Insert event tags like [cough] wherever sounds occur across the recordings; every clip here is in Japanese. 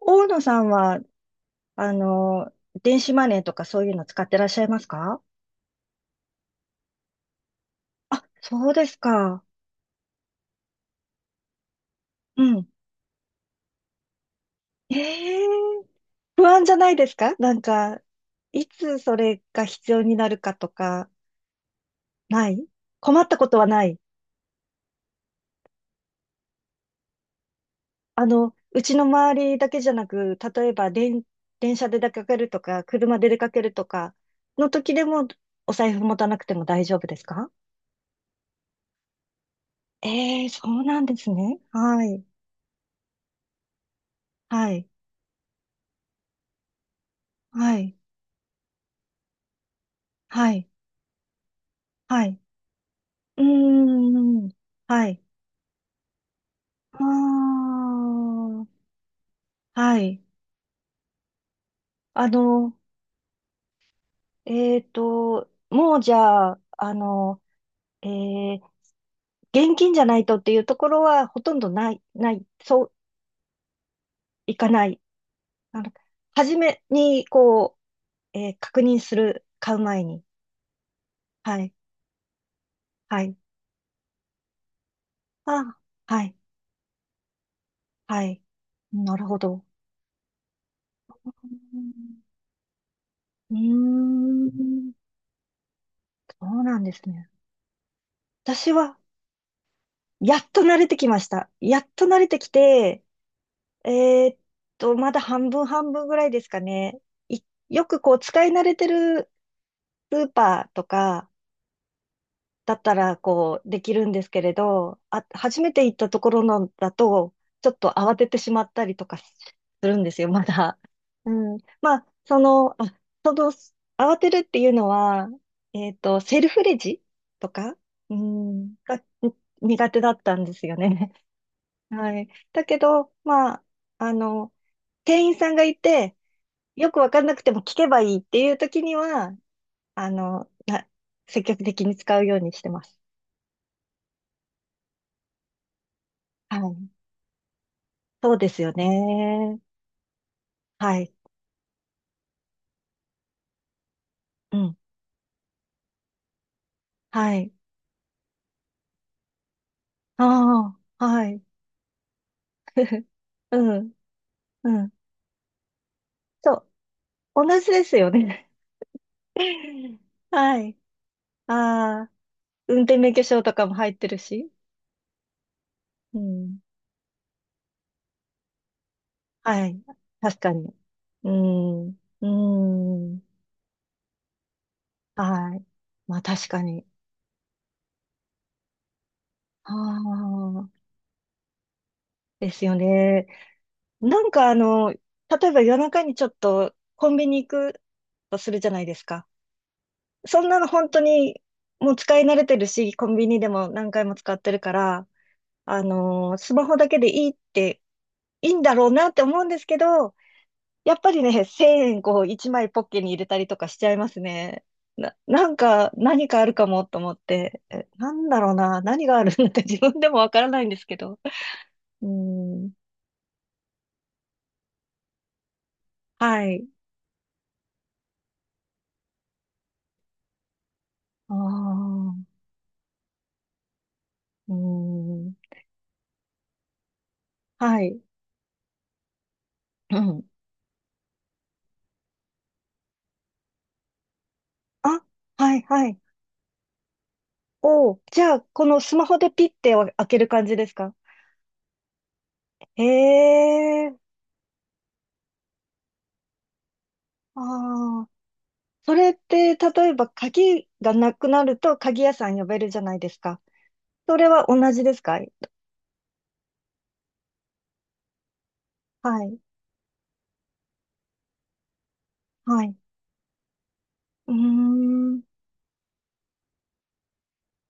大野さんは、あの、電子マネーとかそういうの使ってらっしゃいますか？あ、そうですか。うん。ええ、不安じゃないですか？なんか、いつそれが必要になるかとか、ない、困ったことはない。うちの周りだけじゃなく、例えば電車で出かけるとか、車で出かけるとか、の時でも、お財布持たなくても大丈夫ですか？ええ、そうなんですね。はい。はい。はい。はい。はい。うーん。はい。ああ、はい。あの、もうじゃあ、えー、現金じゃないとっていうところはほとんどない、ない、そう、いかない。あの、初めに、こう、確認する、買う前に。はい。はい。あ、はい。はい。なるほど。うーん、うーん、そうなんですね。私は、やっと慣れてきました。やっと慣れてきて、えーっまだ半分半分ぐらいですかね。いよくこう、使い慣れてるスーパーとかだったら、こう、できるんですけれど、あ、初めて行ったところのだと、ちょっと慌ててしまったりとかするんですよ、まだ。うん。まあ、その、慌てるっていうのは、セルフレジとか、うん、が苦手だったんですよね。はい。だけど、まあ、あの、店員さんがいて、よくわかんなくても聞けばいいっていう時には、あの、な、積極的に使うようにしてます。はい。そうですよね。はい。うん。はい。ああ、はい。[laughs] うん。うん。そう。同じですよね。[laughs] はい。ああ、運転免許証とかも入ってるし。うん。はい。確かに。うん。うん。はい。まあ確かに。ああ、ですよね。なんかあの、例えば夜中にちょっとコンビニ行くとするじゃないですか。そんなの本当にもう使い慣れてるし、コンビニでも何回も使ってるから、あのースマホだけでいいって、いいんだろうなって思うんですけど、やっぱりね、1000円こう1枚ポッケに入れたりとかしちゃいますね。なんか、何かあるかもと思って、え、なんだろうな、何があるんだって自分でもわからないんですけど。うん。はい。ああ。うん。はい。うん。あ、はい、はい。おう。じゃあ、このスマホでピッて開ける感じですか？へえ。ああ。それって、例えば鍵がなくなると鍵屋さん呼べるじゃないですか。それは同じですか？はい。はい。うーん。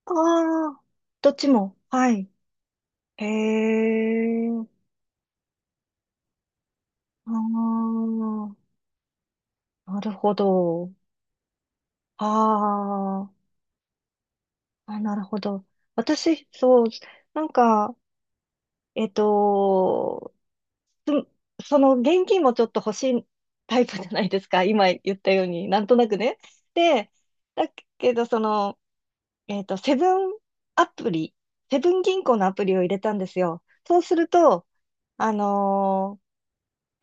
ああ。どっちも。はい。へえ。ああ。なるほど。ああ。あ、なるほど。私、そう、なんか、えっと、つその現金もちょっと欲しいタイプじゃないですか。[laughs] 今言ったように、なんとなくね。で、だけど、セブンアプリ、セブン銀行のアプリを入れたんですよ。そうすると、あのー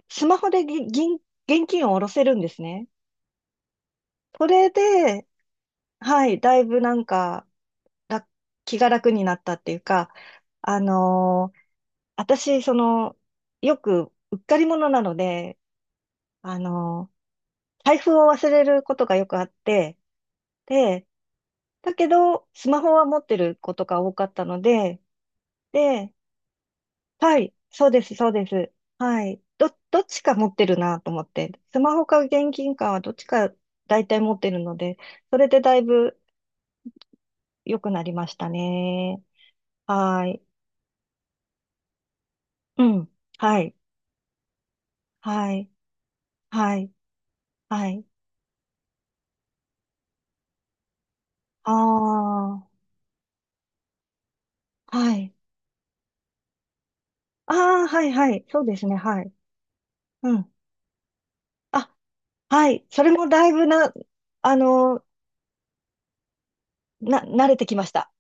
スマホで現金を下ろせるんですね。それで、はい、だいぶなんか、ら気が楽になったっていうか、あのー私、その、よく、うっかり者なので、あの、財布を忘れることがよくあって、で、だけど、スマホは持ってることが多かったので、で、はい、そうです、そうです。はい。どっちか持ってるなと思って、スマホか現金かはどっちか大体持ってるので、それでだいぶ良くなりましたね。はい。うん。はい。はい。はい。はい。ああ。はい。ああ、はいはい。そうですね。はい。うん。あ、はい。それもだいぶな、あの、な、慣れてきました。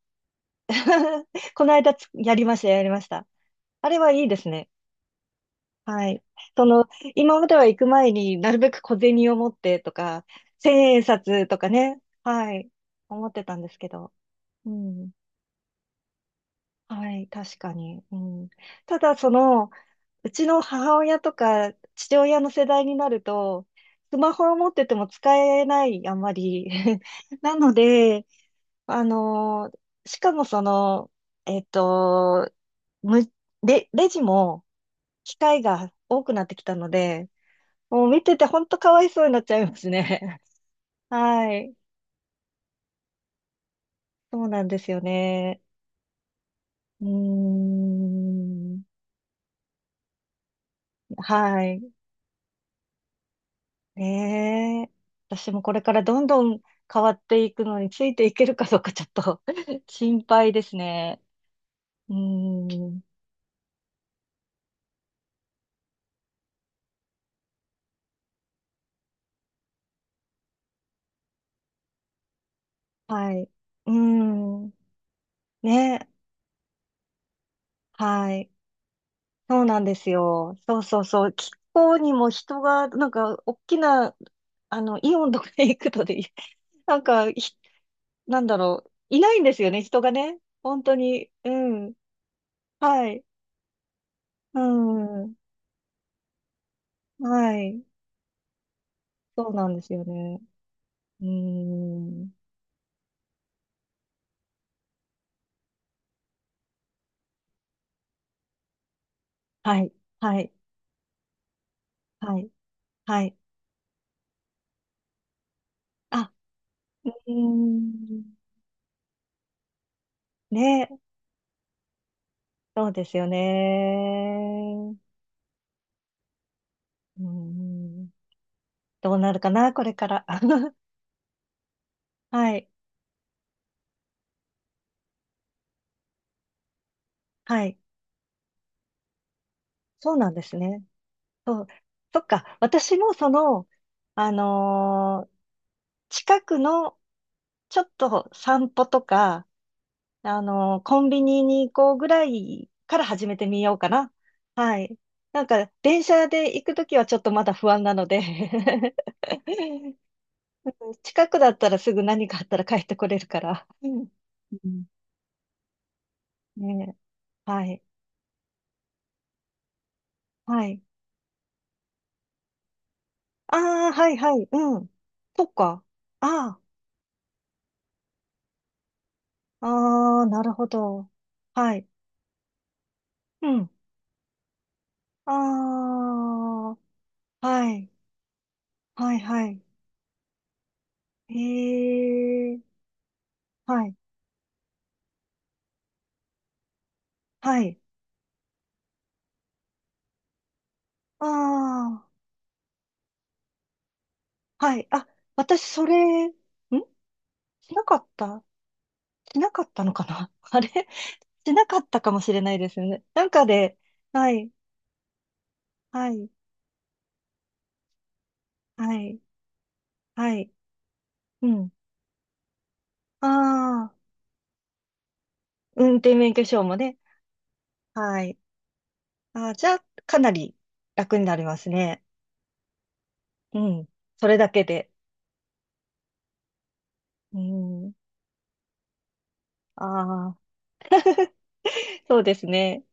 [laughs] この間やりました、やりました。あれはいいですね。はい。その、今までは行く前になるべく小銭を持ってとか、千円札とかね。はい。思ってたんですけど。うん。はい、確かに。うん、ただ、その、うちの母親とか父親の世代になると、スマホを持ってても使えない、あんまり。[laughs] なので、あのーしかもその、えっと、む、レジも機械が多くなってきたので、もう見てて本当かわいそうになっちゃいますね。[laughs] はい。そうなんですよね。うーん。はい。ねえ。私もこれからどんどん変わっていくのについていけるかどうかちょっと [laughs] 心配ですね。うーん。はい。うーん。ね。はい。そうなんですよ。そうそうそう。気候にも人が、なんか、大きな、あの、イオンとか行くとで、[laughs] なんか、なんだろう。いないんですよね、人がね。本当に。うん。はい。うん。はい。そうなんですよね。うん。はい、はい、はい、はい。あ、うーん、ね、そうですよね。うーん、どうなるかな、これから。[laughs] はい、はい、そうなんですね。そう、そっか、私もその、あのー近くのちょっと散歩とか、あのーコンビニに行こうぐらいから始めてみようかな。はい。なんか、電車で行くときはちょっとまだ不安なので [laughs] [laughs] 近くだったらすぐ何かあったら帰ってこれるから。うん、うん、ねえ。はい。はい。ああ、はい、はい。うん。そっか。ああ、ああ、なるほど。はい。うん。ああ、はい。はい、はい。へえ。はい。はい。ああ、はい。あ、私、それ、なかった、なかったのかな？ [laughs] あれ、しなかったかもしれないですよね。なんかで、はい。はい、はい、はい。うん。ああ、運転免許証もね。はい。ああ、じゃあ、かなり楽になりますね。うん。それだけで。うん。ああ、[laughs] そうですね。